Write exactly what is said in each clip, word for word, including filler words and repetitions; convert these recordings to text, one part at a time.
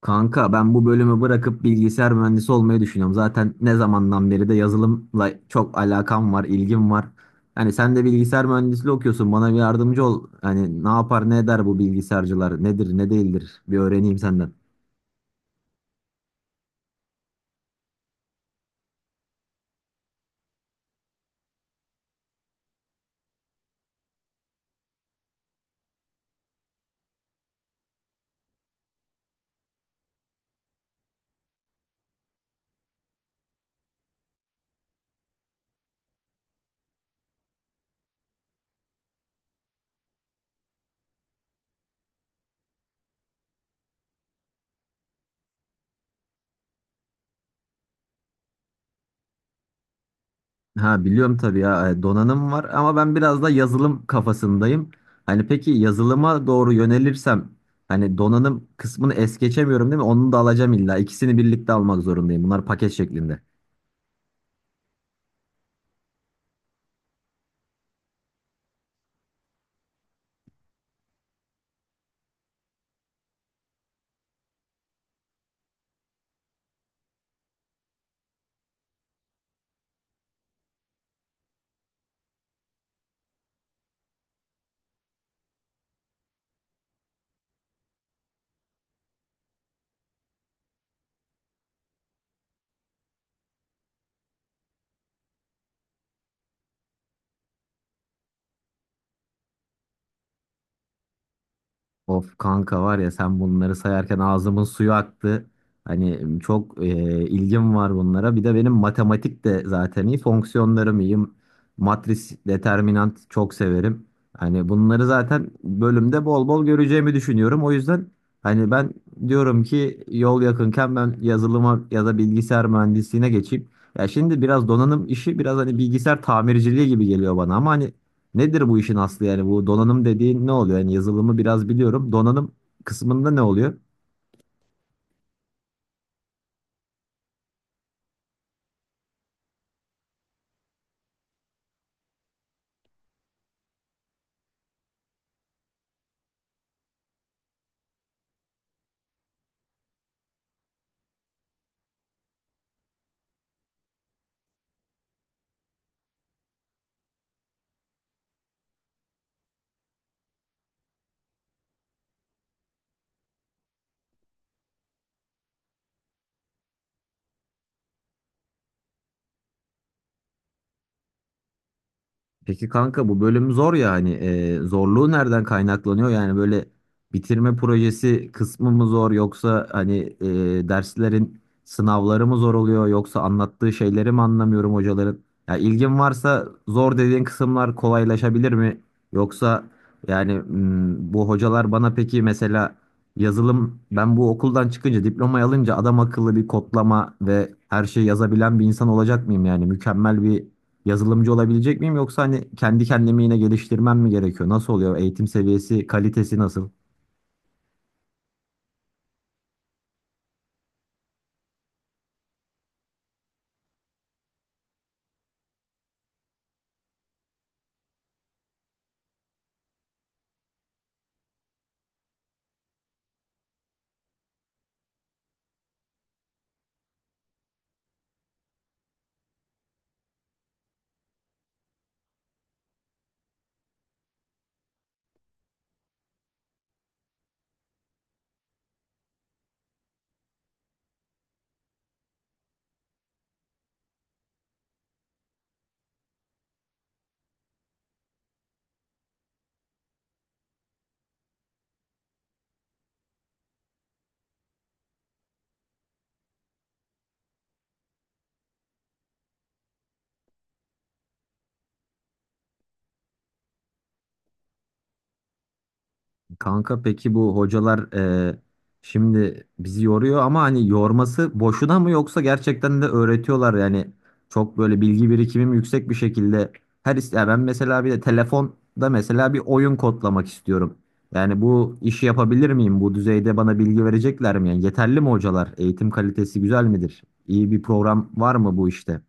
Kanka ben bu bölümü bırakıp bilgisayar mühendisi olmayı düşünüyorum. Zaten ne zamandan beri de yazılımla çok alakam var, ilgim var. Hani sen de bilgisayar mühendisliği okuyorsun. Bana bir yardımcı ol. Hani ne yapar, ne eder bu bilgisayarcılar? Nedir, ne değildir? Bir öğreneyim senden. Ha biliyorum tabii ya e, donanım var ama ben biraz da yazılım kafasındayım. Hani peki yazılıma doğru yönelirsem hani donanım kısmını es geçemiyorum değil mi? Onu da alacağım illa. İkisini birlikte almak zorundayım. Bunlar paket şeklinde. Of kanka var ya sen bunları sayarken ağzımın suyu aktı. Hani çok e, ilgim var bunlara. Bir de benim matematik de zaten iyi, fonksiyonlarım iyi. Matris, determinant çok severim. Hani bunları zaten bölümde bol bol göreceğimi düşünüyorum. O yüzden hani ben diyorum ki yol yakınken ben yazılıma ya da bilgisayar mühendisliğine geçeyim. Ya şimdi biraz donanım işi biraz hani bilgisayar tamirciliği gibi geliyor bana ama hani nedir bu işin aslı yani bu donanım dediğin ne oluyor? Yani yazılımı biraz biliyorum. Donanım kısmında ne oluyor? Peki kanka bu bölüm zor ya hani e, zorluğu nereden kaynaklanıyor? Yani böyle bitirme projesi kısmı mı zor yoksa hani e, derslerin sınavları mı zor oluyor yoksa anlattığı şeyleri mi anlamıyorum hocaların? Ya ilgin varsa zor dediğin kısımlar kolaylaşabilir mi? Yoksa yani m, bu hocalar bana peki mesela yazılım ben bu okuldan çıkınca diplomayı alınca adam akıllı bir kodlama ve her şeyi yazabilen bir insan olacak mıyım yani mükemmel bir yazılımcı olabilecek miyim yoksa hani kendi kendimi yine geliştirmem mi gerekiyor? Nasıl oluyor? Eğitim seviyesi, kalitesi nasıl? Kanka peki bu hocalar e, şimdi bizi yoruyor ama hani yorması boşuna mı yoksa gerçekten de öğretiyorlar yani çok böyle bilgi birikimim yüksek bir şekilde her is- ya ben mesela bir de telefonda mesela bir oyun kodlamak istiyorum. Yani bu işi yapabilir miyim? Bu düzeyde bana bilgi verecekler mi? Yani yeterli mi hocalar? Eğitim kalitesi güzel midir? İyi bir program var mı bu işte?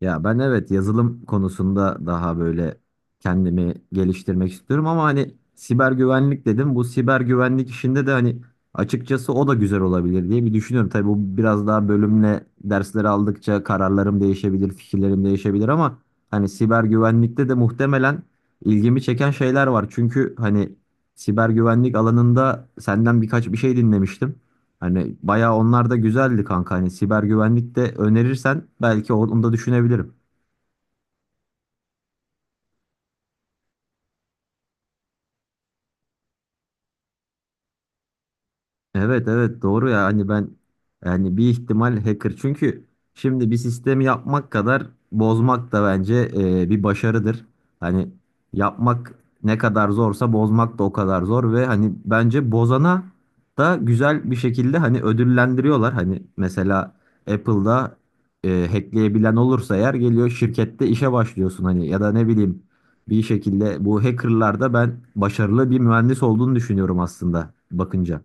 Ya ben evet yazılım konusunda daha böyle kendimi geliştirmek istiyorum ama hani siber güvenlik dedim. Bu siber güvenlik işinde de hani açıkçası o da güzel olabilir diye bir düşünüyorum. Tabii bu biraz daha bölümle dersleri aldıkça kararlarım değişebilir, fikirlerim değişebilir ama hani siber güvenlikte de muhtemelen ilgimi çeken şeyler var. Çünkü hani siber güvenlik alanında senden birkaç bir şey dinlemiştim. Hani bayağı onlar da güzeldi kanka. Hani siber güvenlik de önerirsen belki onu da düşünebilirim. Evet, evet, doğru ya hani ben yani bir ihtimal hacker çünkü şimdi bir sistemi yapmak kadar bozmak da bence e, bir başarıdır. Hani yapmak ne kadar zorsa bozmak da o kadar zor ve hani bence bozana da güzel bir şekilde hani ödüllendiriyorlar. Hani mesela Apple'da e, hackleyebilen olursa eğer geliyor şirkette işe başlıyorsun hani ya da ne bileyim bir şekilde bu hackerlarda ben başarılı bir mühendis olduğunu düşünüyorum aslında bakınca.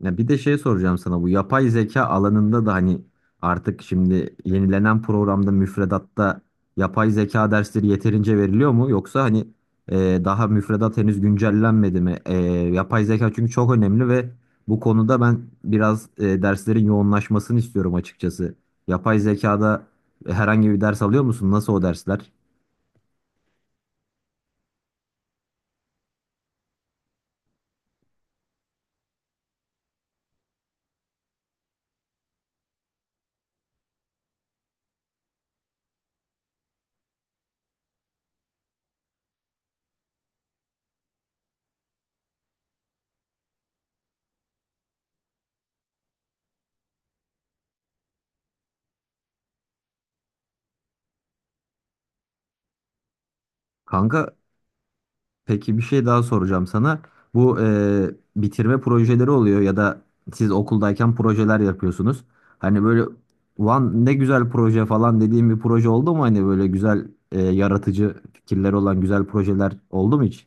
Ya bir de şey soracağım sana, bu yapay zeka alanında da hani artık şimdi yenilenen programda müfredatta yapay zeka dersleri yeterince veriliyor mu? Yoksa hani e, daha müfredat henüz güncellenmedi mi? E, yapay zeka çünkü çok önemli ve bu konuda ben biraz e, derslerin yoğunlaşmasını istiyorum açıkçası. Yapay zekada herhangi bir ders alıyor musun? Nasıl o dersler? Kanka, peki bir şey daha soracağım sana. Bu e, bitirme projeleri oluyor ya da siz okuldayken projeler yapıyorsunuz. Hani böyle van ne güzel proje falan dediğim bir proje oldu mu? Hani böyle güzel e, yaratıcı fikirleri olan güzel projeler oldu mu hiç?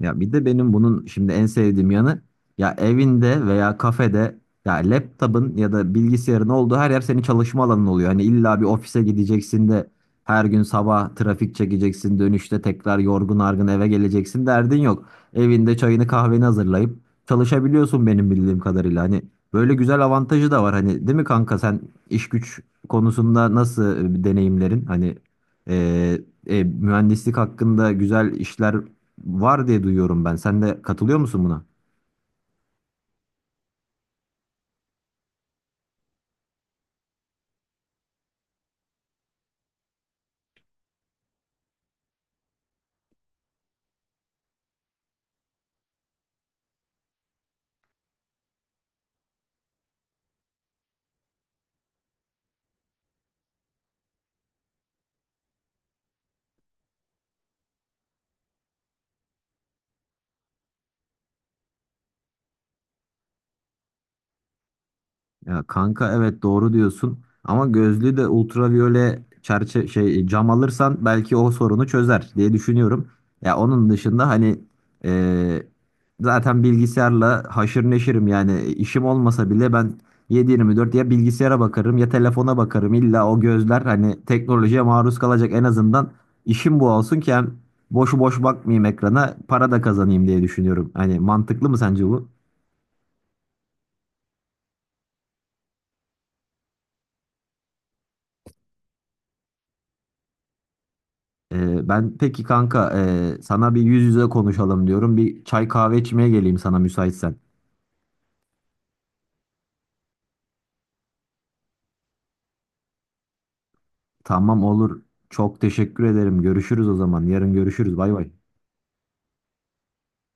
Ya bir de benim bunun şimdi en sevdiğim yanı ya evinde veya kafede ya laptop'un ya da bilgisayarın olduğu her yer senin çalışma alanın oluyor. Hani illa bir ofise gideceksin de her gün sabah trafik çekeceksin dönüşte tekrar yorgun argın eve geleceksin derdin yok. Evinde çayını kahveni hazırlayıp çalışabiliyorsun benim bildiğim kadarıyla. Hani böyle güzel avantajı da var hani değil mi kanka sen iş güç konusunda nasıl e, deneyimlerin hani e, e, mühendislik hakkında güzel işler var diye duyuyorum ben. Sen de katılıyor musun buna? Ya kanka evet doğru diyorsun ama gözlüğü de ultraviyole çerçe şey cam alırsan belki o sorunu çözer diye düşünüyorum. Ya onun dışında hani e, zaten bilgisayarla haşır neşirim yani işim olmasa bile ben yedi dört ya bilgisayara bakarım ya telefona bakarım. İlla o gözler hani teknolojiye maruz kalacak, en azından işim bu olsun ki hem boşu boş bakmayayım ekrana para da kazanayım diye düşünüyorum. Hani mantıklı mı sence bu? Ee, ben peki kanka e, sana bir yüz yüze konuşalım diyorum. Bir çay kahve içmeye geleyim sana müsaitsen. Tamam, olur. Çok teşekkür ederim. Görüşürüz o zaman. Yarın görüşürüz. Bay bay.